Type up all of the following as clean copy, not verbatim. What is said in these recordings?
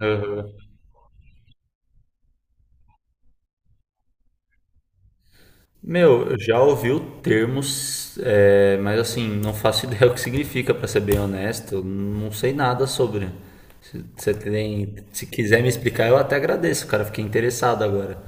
Aham. Meu, eu já ouvi o termo, mas assim, não faço ideia o que significa, pra ser bem honesto. Eu não sei nada sobre. Se, você tem, Se quiser me explicar, eu até agradeço, cara. Fiquei interessado agora.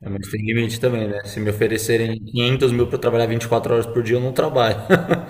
É, mas tem limite também, né? Se me oferecerem 500 mil pra eu trabalhar 24 horas por dia, eu não trabalho.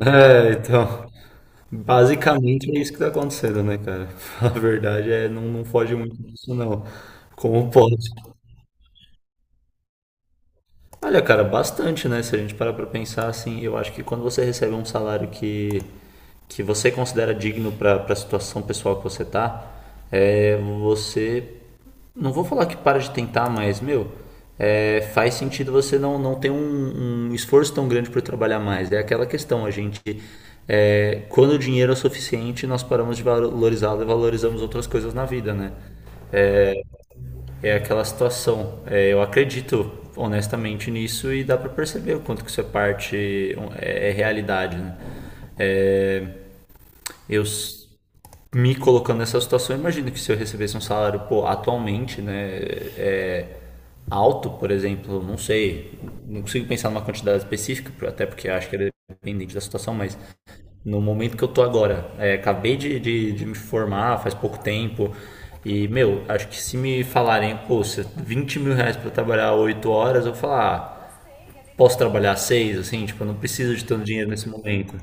É, então. Basicamente é isso que tá acontecendo, né, cara? A verdade é, não, não foge muito disso, não. Como pode? Olha, cara, bastante, né? Se a gente parar pra pensar, assim, eu acho que quando você recebe um salário que você considera digno pra situação pessoal que você tá, você. Não vou falar que para de tentar, mas, meu, faz sentido você não, não ter um esforço tão grande por trabalhar mais. É aquela questão, a gente. É, quando o dinheiro é o suficiente, nós paramos de valorizá-lo e valorizamos outras coisas na vida, né? É aquela situação. É, eu acredito honestamente nisso e dá para perceber o quanto que isso é parte, é realidade. Né? É, eu me colocando nessa situação, eu imagino que se eu recebesse um salário, pô, atualmente, né, é, alto, por exemplo, não sei, não consigo pensar numa quantidade específica, até porque acho que era dependente da situação, mas no momento que eu tô agora, acabei de me formar faz pouco tempo, e, meu, acho que se me falarem, pô, 20 mil reais pra trabalhar 8 horas, eu vou falar, ah, posso trabalhar 6, assim, tipo, eu não preciso de tanto dinheiro nesse momento,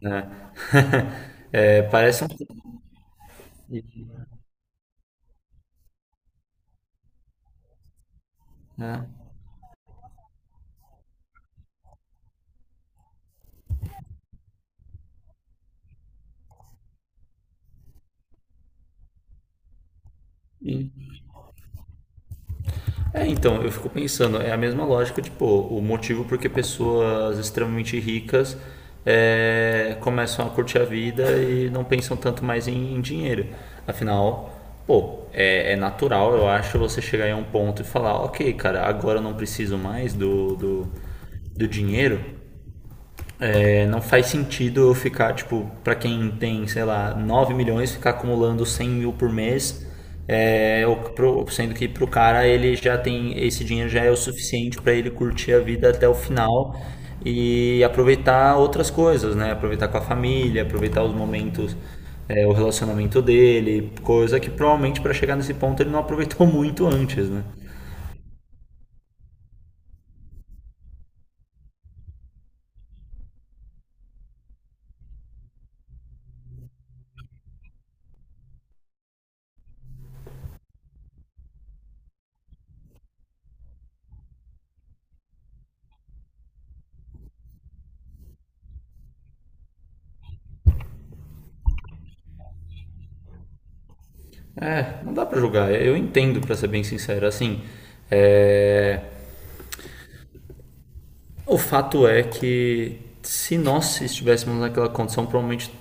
né? É, parece um. É, então, eu fico pensando, é a mesma lógica, tipo, o motivo porque pessoas extremamente ricas começam a curtir a vida e não pensam tanto mais em dinheiro. Afinal, pô, é natural, eu acho, você chegar em um ponto e falar, ok, cara, agora eu não preciso mais do dinheiro, é, não faz sentido eu ficar, tipo, para quem tem, sei lá, 9 milhões, ficar acumulando 100 mil por mês, sendo que pro cara ele já tem, esse dinheiro já é o suficiente para ele curtir a vida até o final e aproveitar outras coisas, né? Aproveitar com a família, aproveitar os momentos, o relacionamento dele, coisa que provavelmente para chegar nesse ponto ele não aproveitou muito antes, né? É, não dá pra julgar, eu entendo, pra ser bem sincero, assim, é... O fato é que se nós estivéssemos naquela condição, provavelmente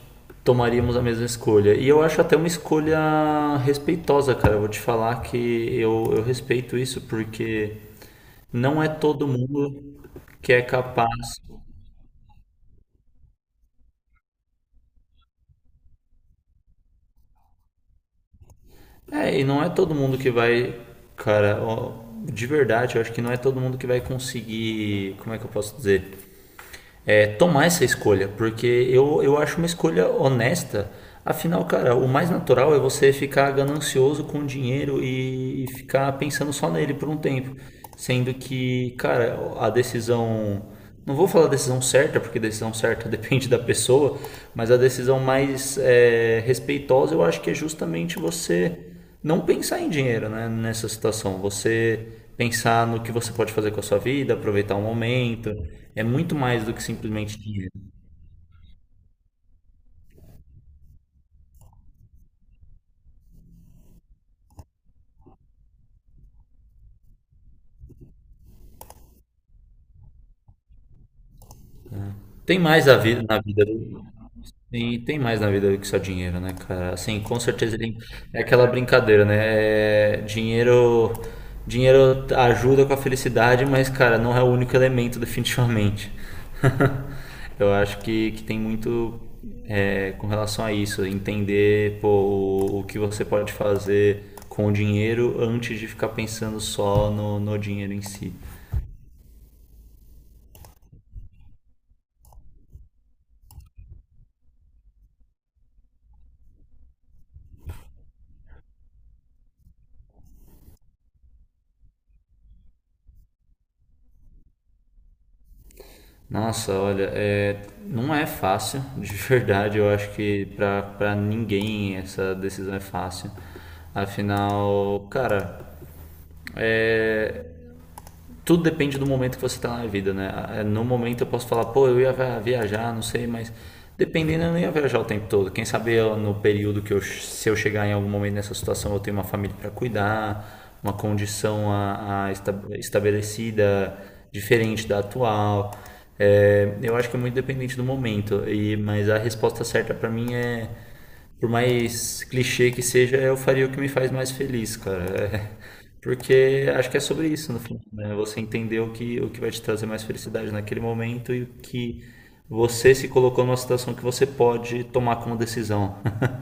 tomaríamos a mesma escolha. E eu acho até uma escolha respeitosa, cara. Eu vou te falar que eu respeito isso porque não é todo mundo que é capaz. É, e não é todo mundo que vai, cara, ó, de verdade, eu acho que não é todo mundo que vai conseguir, como é que eu posso dizer? É, tomar essa escolha, porque eu acho uma escolha honesta. Afinal, cara, o mais natural é você ficar ganancioso com o dinheiro e ficar pensando só nele por um tempo. Sendo que, cara, a decisão. Não vou falar decisão certa, porque decisão certa depende da pessoa, mas a decisão mais respeitosa eu acho que é justamente você não pensar em dinheiro, né, nessa situação. Você pensar no que você pode fazer com a sua vida, aproveitar o momento. É muito mais do que simplesmente dinheiro. Tem mais a vida na vida do, E tem mais na vida do que só dinheiro, né, cara? Assim, com certeza ele é aquela brincadeira, né? É, Dinheiro ajuda com a felicidade, mas, cara, não é o único elemento, definitivamente. Eu acho que tem muito com relação a isso, entender, pô, o que você pode fazer com o dinheiro antes de ficar pensando só no dinheiro em si. Nossa, olha, não é fácil, de verdade. Eu acho que pra ninguém essa decisão é fácil. Afinal, cara, é, tudo depende do momento que você está na vida, né? No momento eu posso falar, pô, eu ia viajar, não sei, mas dependendo eu não ia viajar o tempo todo. Quem sabe eu, no período que eu, se eu chegar em algum momento nessa situação, eu tenho uma família para cuidar, uma condição estabelecida diferente da atual. É, eu acho que é muito dependente do momento, mas a resposta certa para mim é, por mais clichê que seja, eu faria o que me faz mais feliz, cara. É, porque acho que é sobre isso no final, né? Você entender o que vai te trazer mais felicidade naquele momento e o que você se colocou numa situação que você pode tomar como decisão.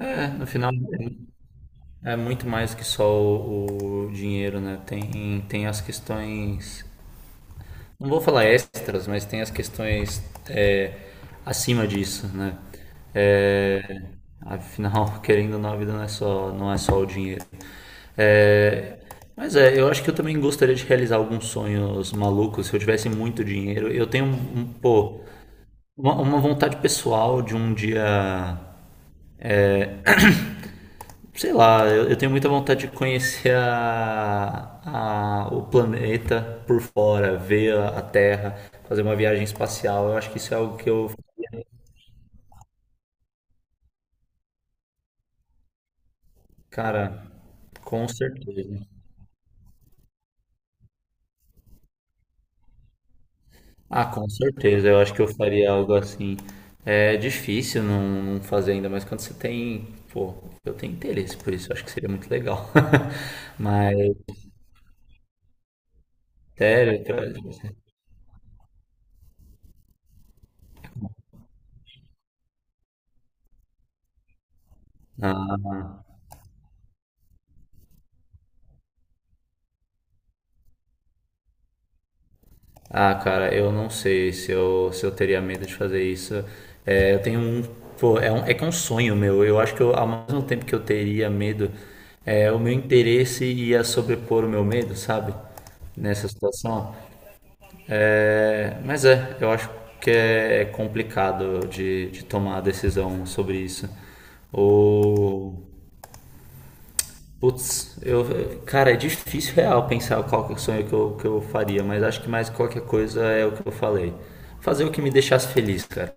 É, no final é muito mais que só o dinheiro, né? Tem as questões, não vou falar extras, mas tem as questões é, acima disso, né? É, afinal, querendo ou não, a vida não é só, não é só o dinheiro. É, mas eu acho que eu também gostaria de realizar alguns sonhos malucos. Se eu tivesse muito dinheiro, eu tenho pô, uma vontade pessoal de um dia. Sei lá, eu tenho muita vontade de conhecer o planeta por fora, ver a Terra, fazer uma viagem espacial. Eu acho que isso é algo que eu, cara, com certeza. Ah, com certeza, eu acho que eu faria algo assim. É difícil não, não fazer ainda, mas quando você tem, pô, eu tenho interesse por isso, eu acho que seria muito legal. Mas, sério, ah, ah, cara, eu não sei se eu, se eu teria medo de fazer isso. É, eu tenho um, pô, é um, é que é um sonho meu. Eu acho que eu, ao mesmo tempo que eu teria medo, o meu interesse ia sobrepor o meu medo, sabe? Nessa situação. É, mas eu acho que é complicado de tomar a decisão sobre isso. O, Putz, eu, cara, é difícil real pensar qual que é o sonho que eu faria, mas acho que mais qualquer coisa é o que eu falei. Fazer o que me deixasse feliz, cara.